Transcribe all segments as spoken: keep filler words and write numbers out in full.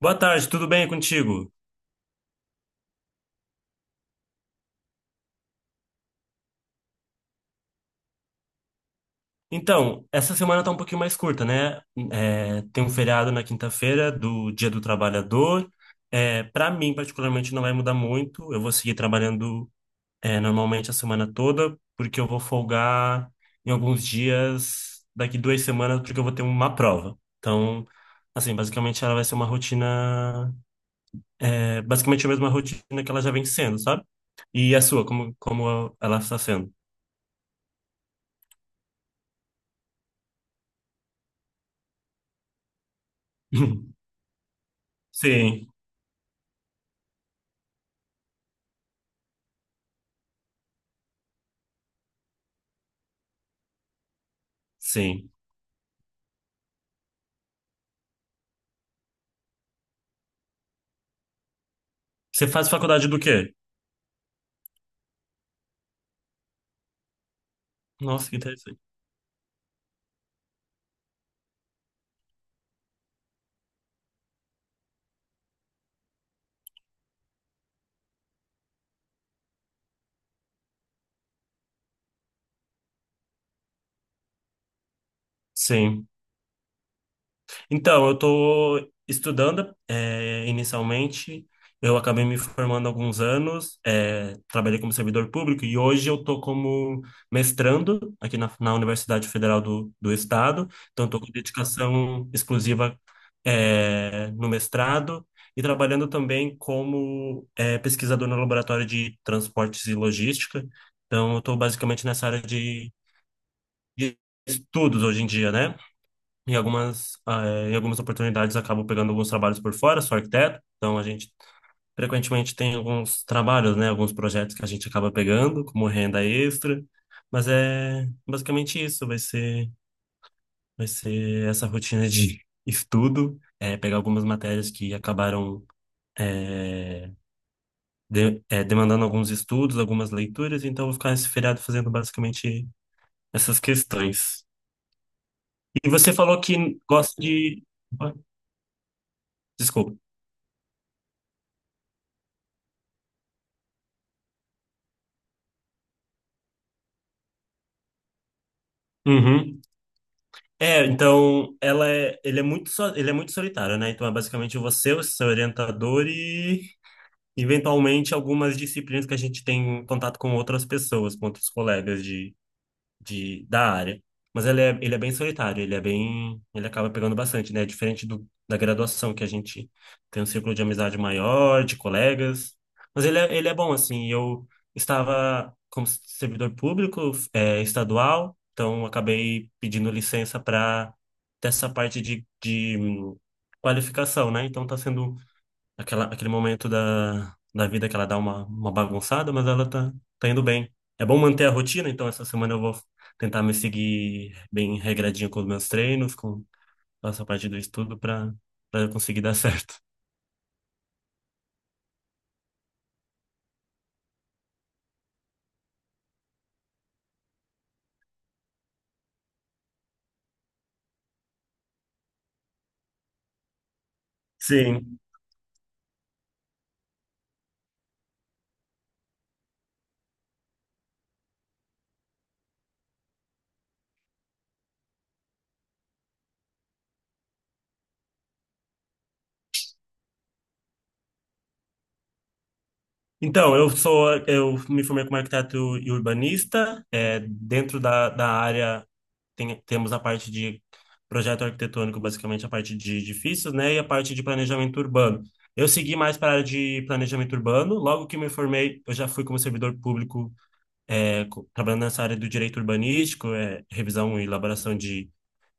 Boa tarde, tudo bem contigo? Então, essa semana tá um pouquinho mais curta, né? É, tem um feriado na quinta-feira do Dia do Trabalhador. É, para mim, particularmente, não vai mudar muito. Eu vou seguir trabalhando, é, normalmente a semana toda, porque eu vou folgar em alguns dias, daqui duas semanas, porque eu vou ter uma prova. Então, assim, basicamente ela vai ser uma rotina, é, basicamente a mesma rotina que ela já vem sendo, sabe? E a sua, como, como ela está sendo? Sim. Sim. Você faz faculdade do quê? Nossa, que interessante. Sim. Então, eu estou estudando, é, inicialmente. Eu acabei me formando há alguns anos, é, trabalhei como servidor público e hoje eu estou como mestrando aqui na, na Universidade Federal do, do Estado. Então, estou com dedicação exclusiva, é, no mestrado e trabalhando também como, é, pesquisador no Laboratório de Transportes e Logística. Então, eu estou basicamente nessa área de estudos hoje em dia, né? Em algumas, ah, é, em algumas oportunidades acabo pegando alguns trabalhos por fora, sou arquiteto, então a gente frequentemente tem alguns trabalhos, né? Alguns projetos que a gente acaba pegando como renda extra, mas é basicamente isso, vai ser, vai ser essa rotina de estudo, é, pegar algumas matérias que acabaram é, de- é, demandando alguns estudos, algumas leituras, então eu vou ficar esse feriado fazendo basicamente essas questões. E você falou que gosta de. Desculpa. Uhum. É, então ela é, ele é muito, so- ele é muito solitário, né? Então é basicamente você, o seu orientador e eventualmente algumas disciplinas que a gente tem contato com outras pessoas, com outros colegas de, da área. Mas ele é, ele é bem solitário, ele é bem, ele acaba pegando bastante, né? Diferente do, da graduação, que a gente tem um círculo de amizade maior, de colegas. Mas ele é, ele é bom, assim. Eu estava como servidor público, é, estadual, então acabei pedindo licença para dessa parte de, de hum, qualificação, né? Então está sendo aquela, aquele momento da, da vida que ela dá uma, uma bagunçada, mas ela tá, tá indo bem. É bom manter a rotina, então essa semana eu vou tentar me seguir bem regradinho com os meus treinos, com essa parte do estudo, para para conseguir dar certo. Sim. Então, eu sou, eu me formei como arquiteto e urbanista. É, dentro da, da área tem- temos a parte de projeto arquitetônico, basicamente a parte de edifícios, né, e a parte de planejamento urbano. Eu segui mais para a área de planejamento urbano. Logo que me formei, eu já fui como servidor público, é, co- trabalhando nessa área do direito urbanístico, é, revisão e elaboração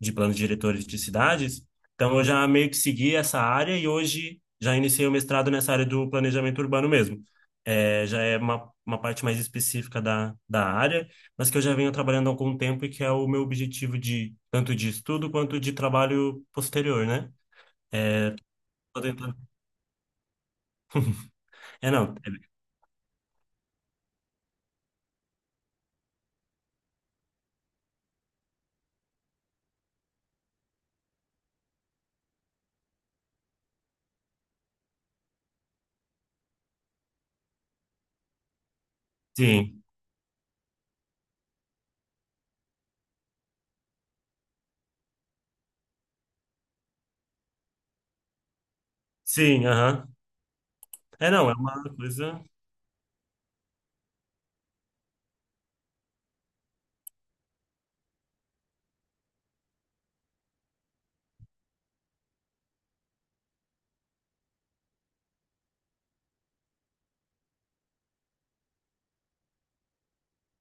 de planos diretores de cidades. Então, eu já meio que segui essa área e hoje já iniciei o mestrado nessa área do planejamento urbano mesmo. É, já é uma, uma parte mais específica da, da área, mas que eu já venho trabalhando há algum tempo e que é o meu objetivo de tanto de estudo quanto de trabalho posterior, né? Tô tentando- É, não. é- Sim, sim, aham. É, não, é uma coisa...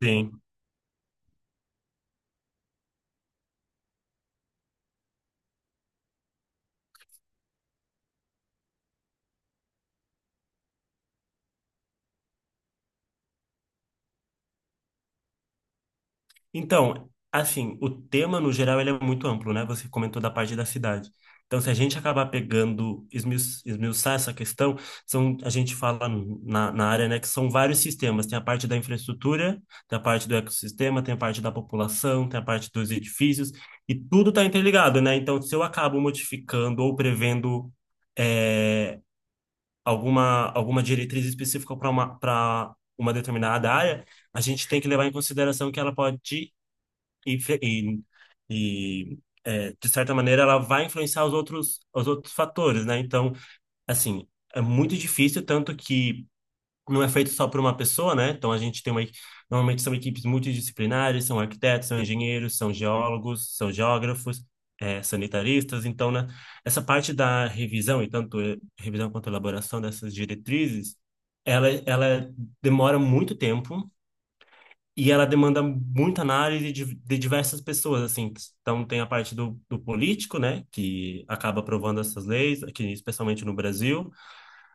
Sim. Então, assim, o tema no geral ele é muito amplo, né? Você comentou da parte da cidade. Então, se a gente acabar pegando, esmiu- esmiuçar essa questão, são, a gente fala no- na, na área, né, que são vários sistemas. Tem a parte da infraestrutura, tem a parte do ecossistema, tem a parte da população, tem a parte dos edifícios, e tudo está interligado, né? Então, se eu acabo modificando ou prevendo é, alguma, alguma diretriz específica para uma, para uma determinada área, a gente tem que levar em consideração que ela pode e, fe- e, e, é, de certa maneira ela vai influenciar os outros os outros fatores, né? Então, assim, é muito difícil, tanto que não é feito só por uma pessoa, né? Então a gente tem uma, normalmente são equipes multidisciplinares, são arquitetos, são engenheiros, são geólogos, são geógrafos, é, sanitaristas, então, né? Essa parte da revisão e tanto eh, revisão quanto elaboração dessas diretrizes ela, ela demora muito tempo, e ela demanda muita análise de, de diversas pessoas, assim. Então, tem a parte do, do político, né, que acaba aprovando essas leis, aqui, especialmente no Brasil.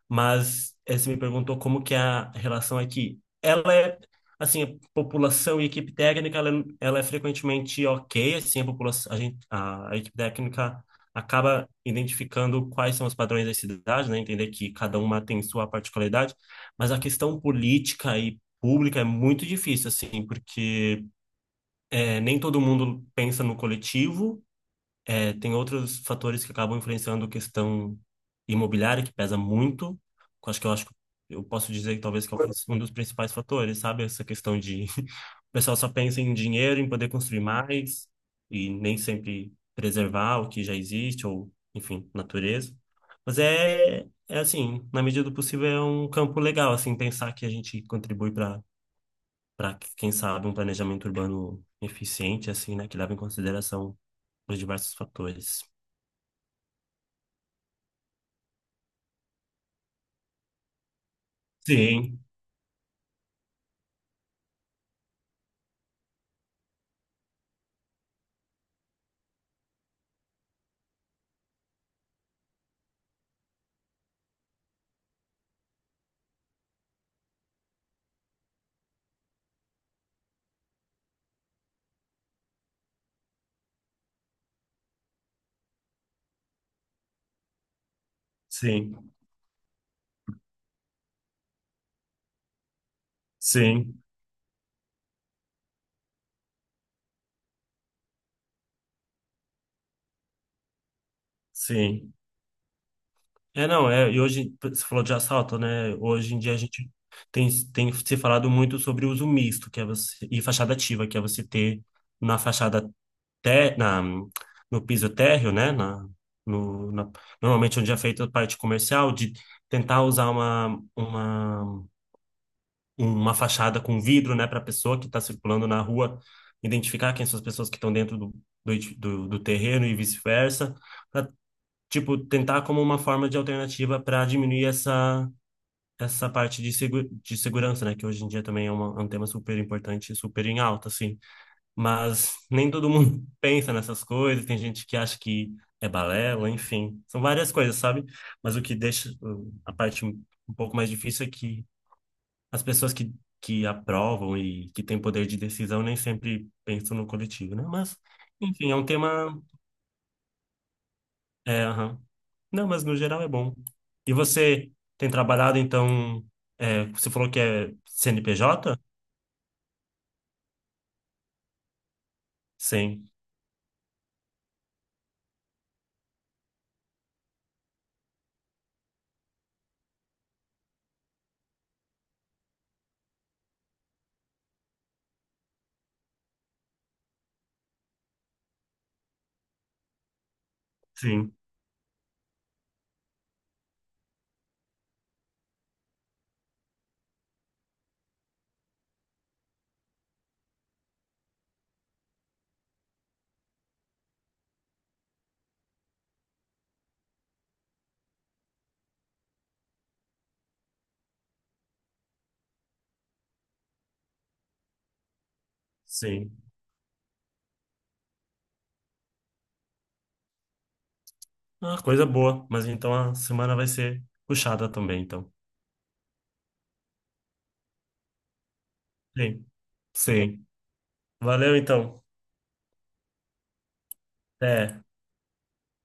Mas eh, você me perguntou como que é a relação aqui. Ela é, assim, a população e equipe técnica, ela, ela é frequentemente ok, assim, a população, a gente, a, a equipe técnica acaba identificando quais são os padrões das cidades, né? Entender que cada uma tem sua particularidade, mas a questão política e pública é muito difícil, assim, porque eh, nem todo mundo pensa no coletivo, é, tem outros fatores que acabam influenciando a questão imobiliária, que pesa muito. Que eu Acho que eu acho que eu posso dizer que talvez que é o princ- um dos principais fatores, sabe? Essa questão de o pessoal só pensa em dinheiro, em poder construir mais, e nem sempre preservar o que já existe, ou, enfim, natureza. Mas é, é assim, na medida do possível, é um campo legal, assim, pensar que a gente contribui para, para, quem sabe, um planejamento urbano eficiente, assim, né? Que leva em consideração os diversos fatores. Sim, sim, sim, sim. É, não, é, e hoje, você falou de assalto, né? Hoje em dia a gente tem, tem se falado muito sobre o uso misto, que é você, e fachada ativa, que é você ter na fachada, té na, no piso térreo, né? Na, no, na- Normalmente onde é feita a parte comercial, de tentar usar uma, uma, uma fachada com vidro, né, para a pessoa que está circulando na rua, identificar quem são as pessoas que estão dentro do, do, edi- do do terreno e vice-versa tipo, tentar como uma forma de alternativa para diminuir essa, essa parte de, segu de segurança, né? Que hoje em dia também é, uma, é um tema super importante, e super em alta, assim. Mas nem todo mundo pensa nessas coisas, tem gente que acha que é balela, enfim. São várias coisas, sabe? Mas o que deixa uh, a parte um um pouco mais difícil é que as pessoas que, que aprovam e que têm poder de decisão nem sempre pensam no coletivo, né? Mas, enfim, é um tema é, aham. Não, mas no geral é bom. E você tem trabalhado, então, é, você falou que é C N P J? Sim, sim, sim. Ah, coisa boa. Mas então a semana vai ser puxada também, então. Sim, sim. Valeu, então. Até.